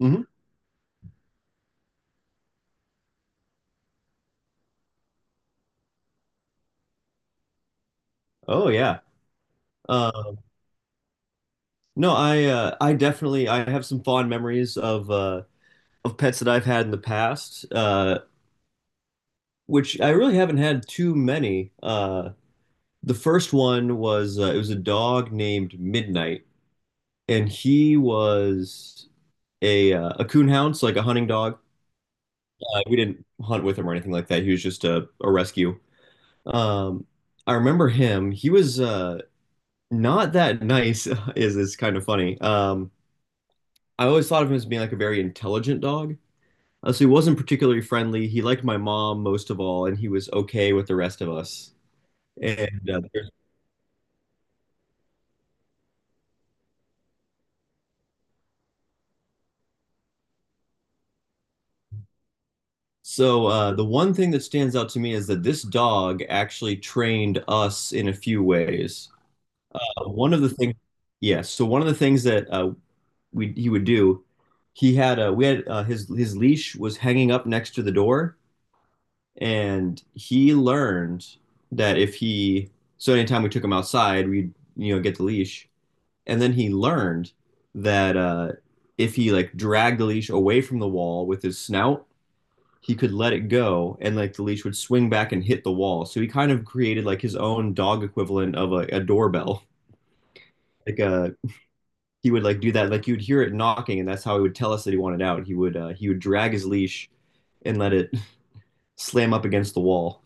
Hmm. Oh yeah. Uh, no, I definitely I have some fond memories of pets that I've had in the past, which I really haven't had too many. The first one was it was a dog named Midnight, and he was a coonhound, so like a hunting dog. We didn't hunt with him or anything like that. He was just a rescue. Um, I remember him. He was not that nice. Is kind of funny. I always thought of him as being like a very intelligent dog. So he wasn't particularly friendly. He liked my mom most of all, and he was okay with the rest of us. And so The one thing that stands out to me is that this dog actually trained us in a few ways. One of the things, yes. Yeah, so one of the things that we he would do, he had we had his leash was hanging up next to the door, and he learned that if he so anytime we took him outside, we'd you know get the leash, and then he learned that if he like dragged the leash away from the wall with his snout, he could let it go, and like the leash would swing back and hit the wall. So he kind of created like his own dog equivalent of a doorbell. Like uh, he would like do that. Like you'd hear it knocking, and that's how he would tell us that he wanted out. He would drag his leash and let it slam up against the wall.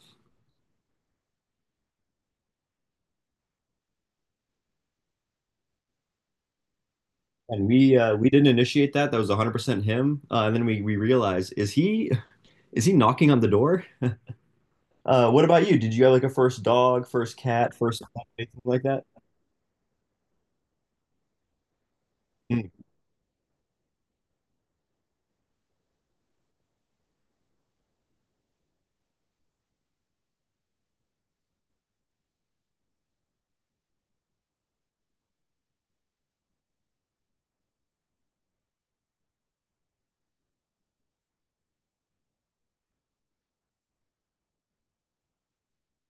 And we We didn't initiate that. That was 100% him. And then we realized, is he, is he knocking on the door? What about you? Did you have like a first dog, first cat, first anything like that?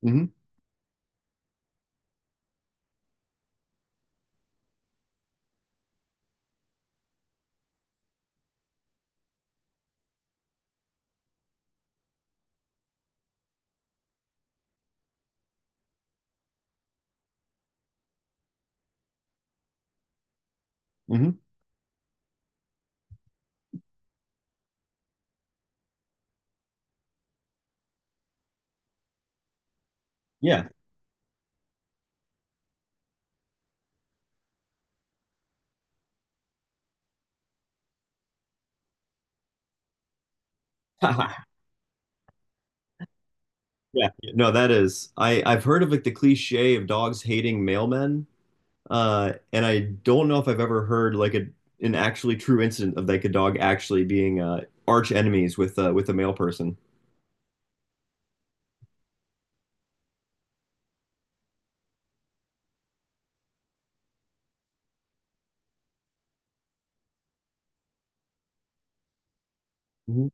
Mm-hmm. Mm-hmm. Yeah. Yeah. No, that is. I've heard of like the cliche of dogs hating mailmen, and I don't know if I've ever heard like a an actually true incident of like a dog actually being arch enemies with a male person. Mhm.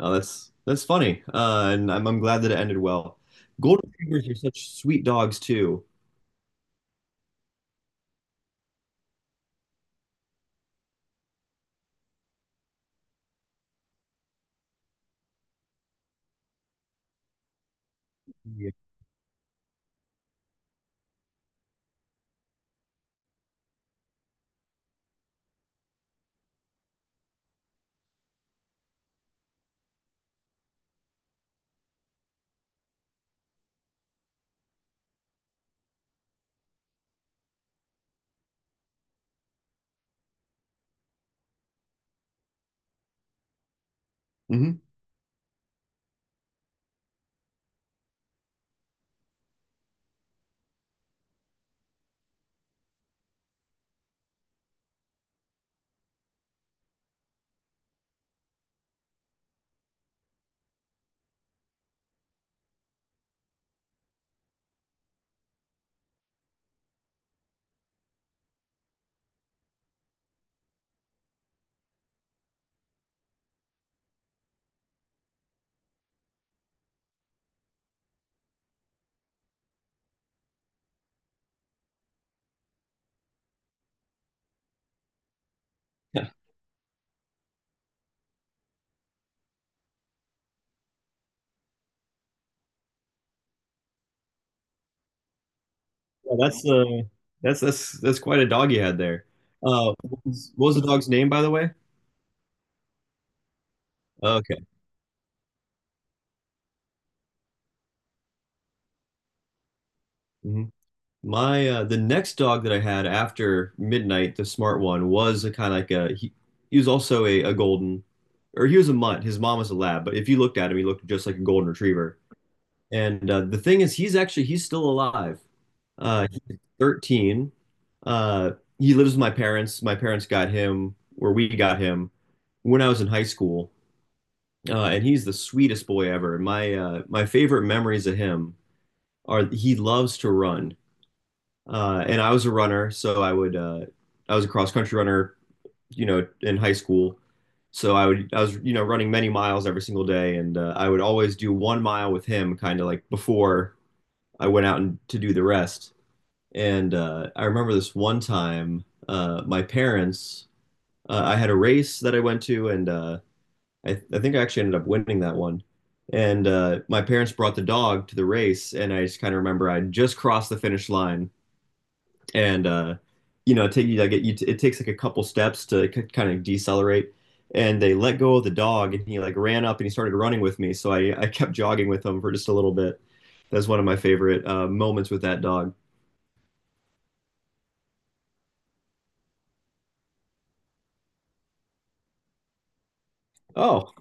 Oh, that's funny, and I'm glad that it ended well. Golden retrievers are such sweet dogs too. Yeah. Hmm. Yeah, that's that's quite a dog you had there. What was the dog's name, by the way? Okay. Hmm. My the next dog that I had after midnight, the smart one, was a kind of like a he was also a golden, or he was a mutt. His mom was a lab, but if you looked at him, he looked just like a golden retriever. And The thing is, he's still alive. He's 13. Uh, he lives with my parents. My parents got him or we got him when I was in high school. And he's the sweetest boy ever. My my favorite memories of him are he loves to run, and I was a cross country runner, you know, in high school. So I was you know running many miles every single day, and I would always do 1 mile with him, kind of like before I went out and to do the rest. And I remember this one time, I had a race that I went to, and I think I actually ended up winning that one. And my parents brought the dog to the race, and I just kind of remember I just crossed the finish line, and you know, take you like it, you t- it takes like a couple steps to kind of decelerate, and they let go of the dog, and he like ran up and he started running with me, so I kept jogging with him for just a little bit. That's one of my favorite moments with that dog. Oh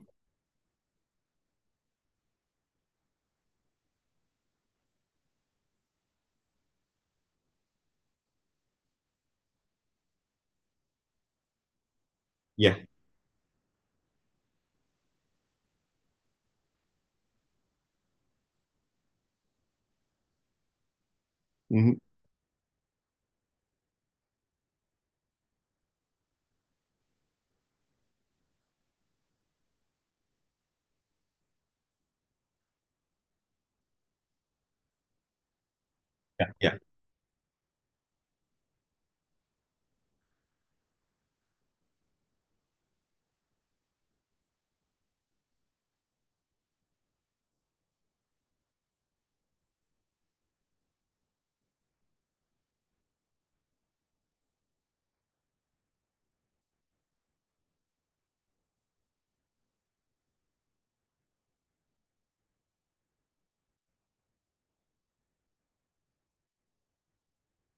yeah. Hmm. Yeah, yeah,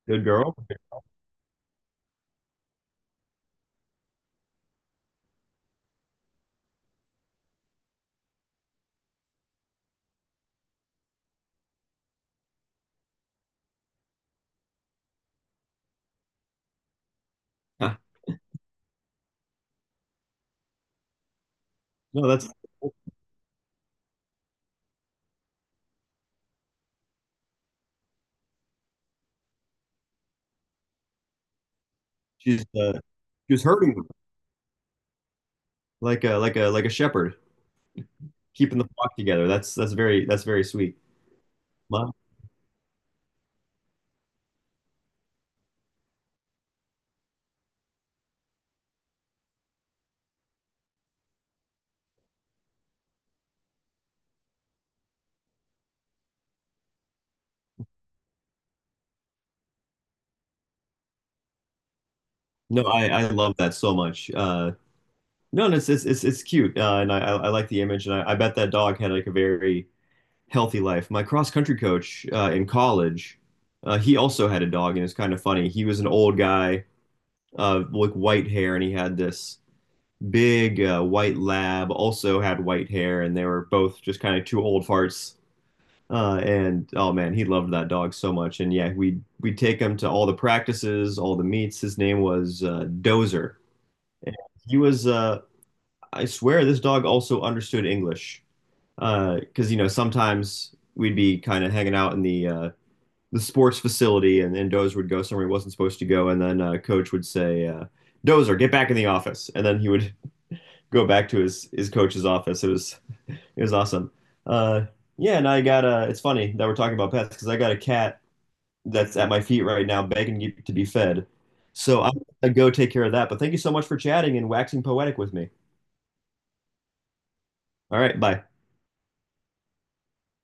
good girl. Huh. No, that's she's uh, she was herding them like a like a like a shepherd, keeping the flock together. That's very sweet. Wow. No, I love that so much. No, and it's cute, and I like the image, and I bet that dog had like a very healthy life. My cross country coach in college, he also had a dog, and it's kind of funny. He was an old guy, like white hair, and he had this big white lab. Also had white hair, and they were both just kind of two old farts. And Oh man, he loved that dog so much. And yeah, we we'd take him to all the practices, all the meets. His name was Dozer. He was, I swear, this dog also understood English. Because you know, sometimes we'd be kind of hanging out in the sports facility, and then Dozer would go somewhere he wasn't supposed to go, and then coach would say, "Dozer, get back in the office," and then he would go back to his coach's office. It was awesome. Uh, yeah, and I got a. It's funny that we're talking about pets because I got a cat that's at my feet right now, begging to be fed. So I'm gonna go take care of that. But thank you so much for chatting and waxing poetic with me. All right, bye.